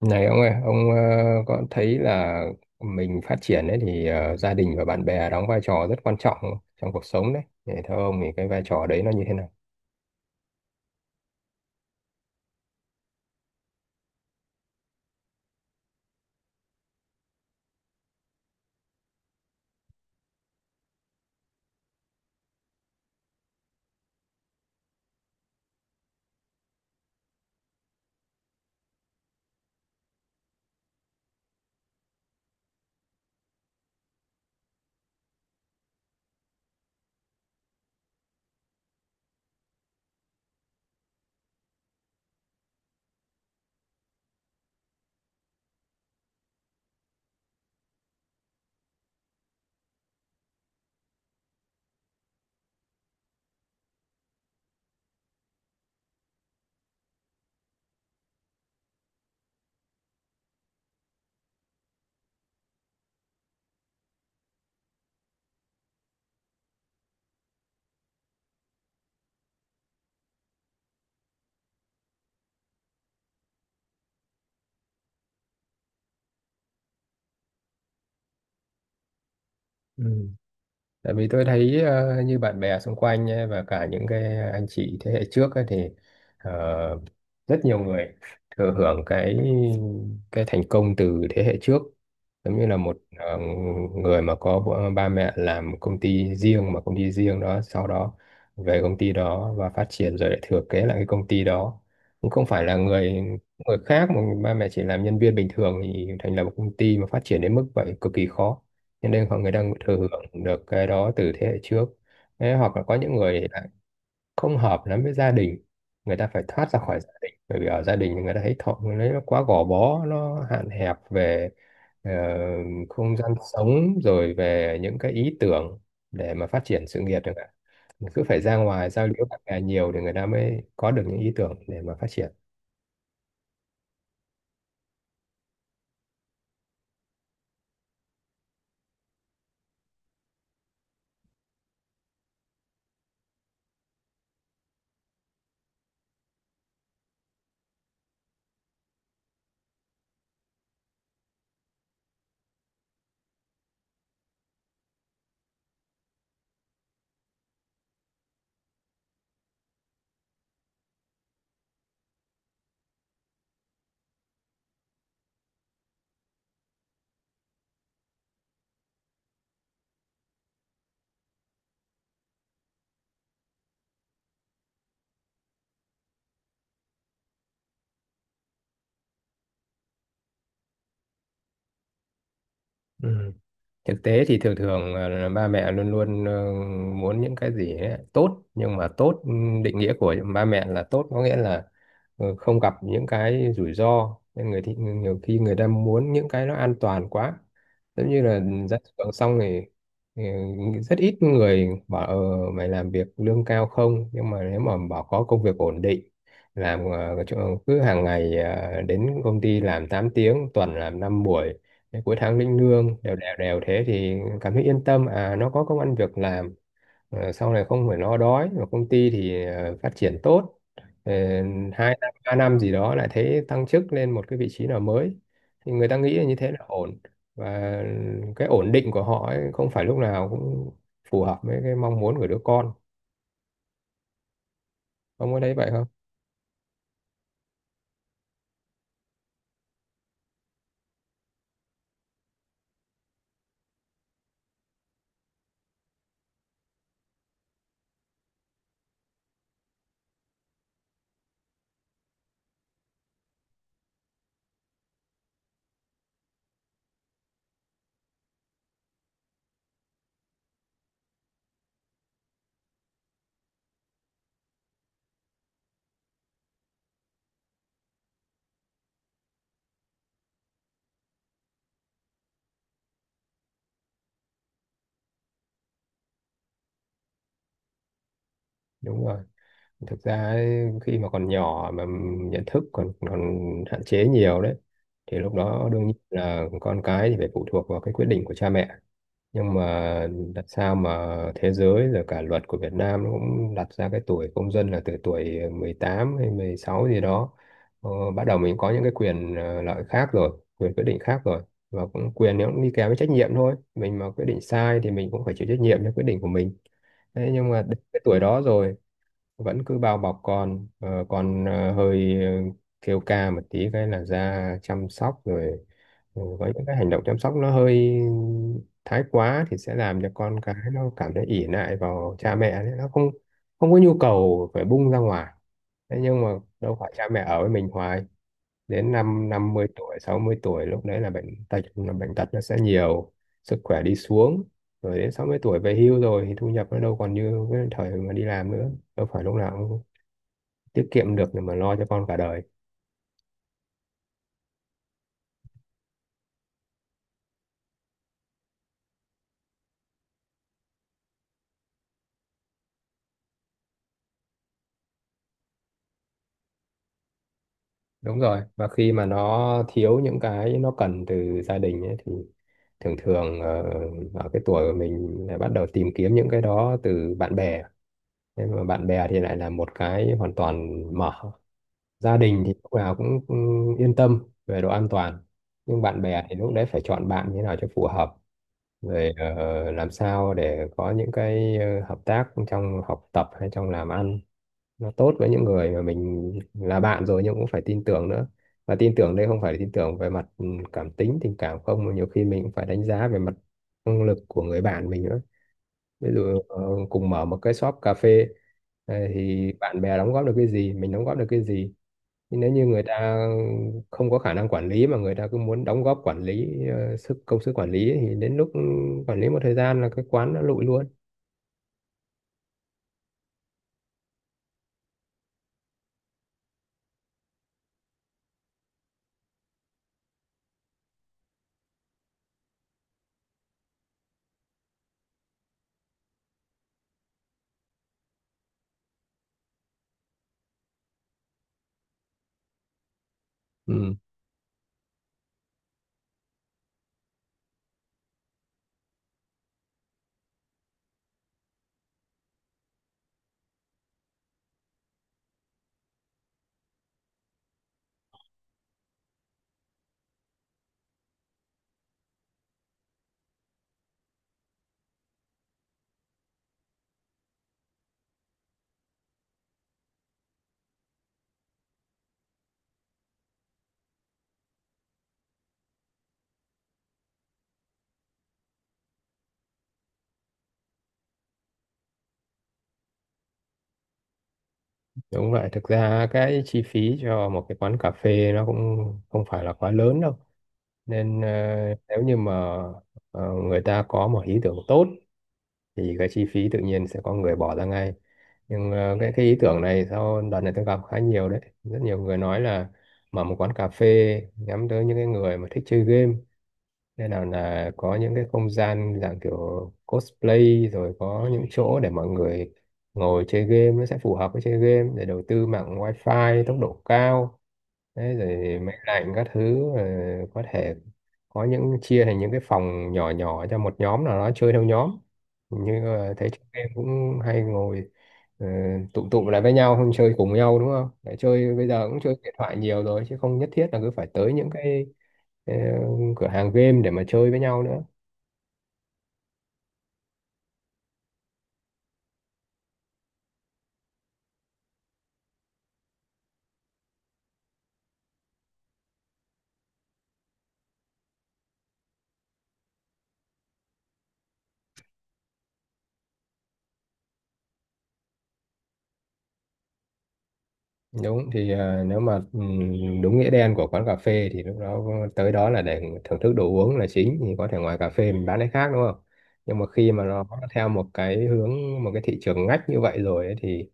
Này ông ơi, ông có thấy là mình phát triển ấy thì gia đình và bạn bè đóng vai trò rất quan trọng trong cuộc sống đấy. Để theo ông thì cái vai trò đấy nó như thế nào? Ừ. Tại vì tôi thấy như bạn bè xung quanh ấy, và cả những cái anh chị thế hệ trước ấy, thì ờ, rất nhiều người thừa hưởng cái thành công từ thế hệ trước, giống như là một người mà có ba mẹ làm công ty riêng mà công ty riêng đó sau đó về công ty đó và phát triển rồi lại thừa kế lại cái công ty đó, cũng không phải là người người khác mà ba mẹ chỉ làm nhân viên bình thường thì thành lập một công ty mà phát triển đến mức vậy cực kỳ khó, cho nên mọi người đang thừa hưởng được cái đó từ thế hệ trước. Thế hoặc là có những người lại không hợp lắm với gia đình, người ta phải thoát ra khỏi gia đình bởi vì ở gia đình người ta thấy thọ người nó quá gò bó, nó hạn hẹp về ờ, không gian sống rồi về những cái ý tưởng để mà phát triển sự nghiệp chẳng hạn, cứ phải ra ngoài giao lưu bạn bè nhiều thì người ta mới có được những ý tưởng để mà phát triển. Ừ. Thực tế thì thường thường là ba mẹ luôn luôn muốn những cái gì ấy, tốt, nhưng mà tốt, định nghĩa của ba mẹ là tốt có nghĩa là không gặp những cái rủi ro, nên người thì nhiều khi người ta muốn những cái nó an toàn quá, giống như là ra trường xong thì rất ít người bảo mày làm việc lương cao không, nhưng mà nếu mà bảo có công việc ổn định, làm cứ hàng ngày đến công ty làm 8 tiếng, tuần làm 5 buổi, cái cuối tháng lĩnh lương đều đều đều, thế thì cảm thấy yên tâm à nó có công ăn việc làm. Sau này không phải lo đói và công ty thì phát triển tốt. Ờ, Hai năm ba năm gì đó lại thấy tăng chức lên một cái vị trí nào mới thì người ta nghĩ là như thế là ổn. Và cái ổn định của họ ấy, không phải lúc nào cũng phù hợp với cái mong muốn của đứa con. Ông có thấy vậy không? Đúng rồi, thực ra ấy, khi mà còn nhỏ mà nhận thức còn còn hạn chế nhiều đấy thì lúc đó đương nhiên là con cái thì phải phụ thuộc vào cái quyết định của cha mẹ. Nhưng mà đặt sao mà thế giới rồi cả luật của Việt Nam nó cũng đặt ra cái tuổi công dân là từ tuổi 18 hay 16 gì đó, ờ, bắt đầu mình có những cái quyền lợi khác rồi quyền quyết định khác rồi, và cũng quyền nó cũng đi kèm với trách nhiệm thôi, mình mà quyết định sai thì mình cũng phải chịu trách nhiệm cho quyết định của mình. Thế nhưng mà đến cái tuổi đó rồi vẫn cứ bao bọc con, hơi kêu ca một tí cái là ra chăm sóc rồi, với những cái hành động chăm sóc nó hơi thái quá thì sẽ làm cho con cái nó cảm thấy ỷ lại vào cha mẹ đấy, nó không không có nhu cầu phải bung ra ngoài. Thế nhưng mà đâu phải cha mẹ ở với mình hoài, đến năm năm mươi tuổi 60 tuổi lúc đấy là bệnh tật, là bệnh tật nó sẽ nhiều, sức khỏe đi xuống. Rồi đến 60 tuổi về hưu rồi thì thu nhập nó đâu còn như cái thời mà đi làm nữa, đâu phải lúc nào cũng tiết kiệm được để mà lo cho con cả đời. Đúng rồi, và khi mà nó thiếu những cái nó cần từ gia đình ấy, thì thường thường ở cái tuổi của mình lại bắt đầu tìm kiếm những cái đó từ bạn bè. Nhưng mà bạn bè thì lại là một cái hoàn toàn mở, gia đình thì lúc nào cũng yên tâm về độ an toàn, nhưng bạn bè thì lúc đấy phải chọn bạn như thế nào cho phù hợp, rồi làm sao để có những cái hợp tác trong học tập hay trong làm ăn, nó tốt với những người mà mình là bạn rồi nhưng cũng phải tin tưởng nữa. Và tin tưởng đây không phải là tin tưởng về mặt cảm tính tình cảm không, mà nhiều khi mình cũng phải đánh giá về mặt năng lực của người bạn mình nữa. Ví dụ cùng mở một cái shop cà phê, thì bạn bè đóng góp được cái gì, mình đóng góp được cái gì. Nhưng nếu như người ta không có khả năng quản lý mà người ta cứ muốn đóng góp quản lý công sức quản lý ấy, thì đến lúc quản lý một thời gian là cái quán nó lụi luôn. Ừ. Đúng vậy, thực ra cái chi phí cho một cái quán cà phê nó cũng không phải là quá lớn đâu. Nên nếu như mà người ta có một ý tưởng tốt thì cái chi phí tự nhiên sẽ có người bỏ ra ngay. Nhưng cái ý tưởng này sau đợt này tôi gặp khá nhiều đấy. Rất nhiều người nói là mở một quán cà phê nhắm tới những cái người mà thích chơi game, nên nào là có những cái không gian dạng kiểu cosplay rồi có những chỗ để mọi người ngồi chơi game nó sẽ phù hợp với chơi game, để đầu tư mạng wifi tốc độ cao đấy, rồi máy lạnh các thứ, có thể có những chia thành những cái phòng nhỏ nhỏ cho một nhóm nào đó chơi theo nhóm. Như thấy chúng em cũng hay ngồi ờ, tụ tụ lại với nhau, không chơi cùng nhau đúng không, để chơi bây giờ cũng chơi điện thoại nhiều rồi chứ không nhất thiết là cứ phải tới những cái ờ, cửa hàng game để mà chơi với nhau nữa. Đúng thì nếu mà đúng nghĩa đen của quán cà phê thì lúc đó tới đó là để thưởng thức đồ uống là chính, thì có thể ngoài cà phê mình bán cái khác đúng không. Nhưng mà khi mà nó theo một cái hướng, một cái thị trường ngách như vậy rồi ấy, thì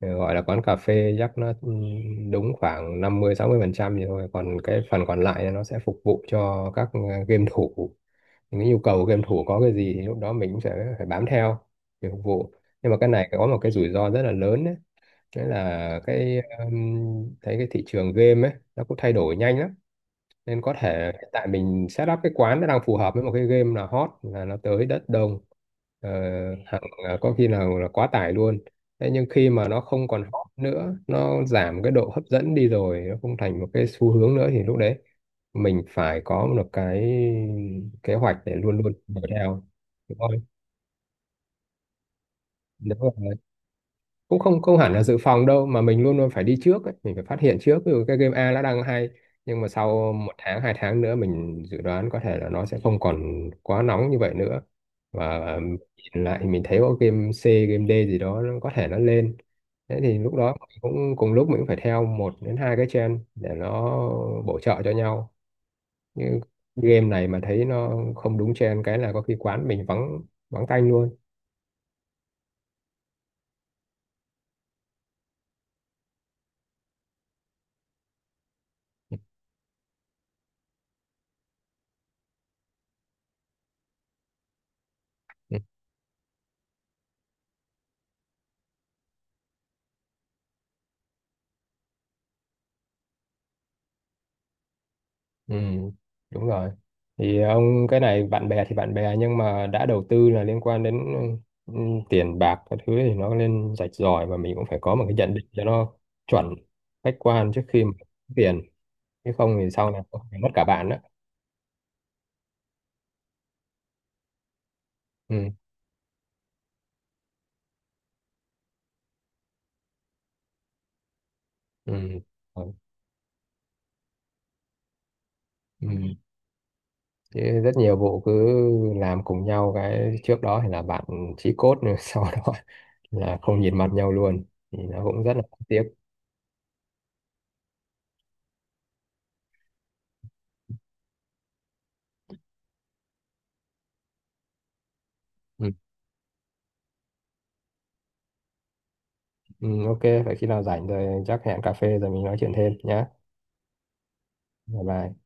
gọi là quán cà phê chắc nó đúng khoảng 50-60% thì thôi, còn cái phần còn lại nó sẽ phục vụ cho các game thủ, những cái nhu cầu game thủ có cái gì thì lúc đó mình cũng sẽ phải bám theo để phục vụ. Nhưng mà cái này có một cái rủi ro rất là lớn đấy, đấy là cái thấy cái thị trường game ấy nó cũng thay đổi nhanh lắm, nên có thể hiện tại mình set up cái quán nó đang phù hợp với một cái game là hot là nó tới đất đông. Ờ, Hàng có khi nào là quá tải luôn. Thế nhưng khi mà nó không còn hot nữa, nó giảm cái độ hấp dẫn đi rồi, nó không thành một cái xu hướng nữa thì lúc đấy mình phải có một cái kế hoạch để luôn luôn đuổi theo đúng không? Đúng rồi. Cũng không không hẳn là dự phòng đâu mà mình luôn luôn phải đi trước ấy. Mình phải phát hiện trước, ví dụ cái game A nó đang hay nhưng mà sau một tháng hai tháng nữa mình dự đoán có thể là nó sẽ không còn quá nóng như vậy nữa, và nhìn lại mình thấy có game C game D gì đó nó có thể nó lên, thế thì lúc đó mình cũng cùng lúc mình cũng phải theo một đến hai cái trend để nó bổ trợ cho nhau. Như game này mà thấy nó không đúng trend cái là có khi quán mình vắng, vắng tanh luôn. Ừ, đúng rồi. Thì ông cái này bạn bè thì bạn bè nhưng mà đã đầu tư là liên quan đến ừ, ừ, tiền bạc các thứ thì nó nên rạch ròi và mình cũng phải có một cái nhận định cho nó chuẩn khách quan trước khi mà có tiền, chứ không thì sau này có thể mất cả bạn đó. Ừ, ừ, ừ. Ừ. Chứ rất nhiều vụ cứ làm cùng nhau cái trước đó thì là bạn chí cốt rồi sau đó là không nhìn mặt nhau luôn, thì nó cũng rất là tiếc. Ừ. Ừ, ok, vậy khi nào rảnh rồi chắc hẹn cà phê rồi mình nói chuyện thêm nhé. Bye bye.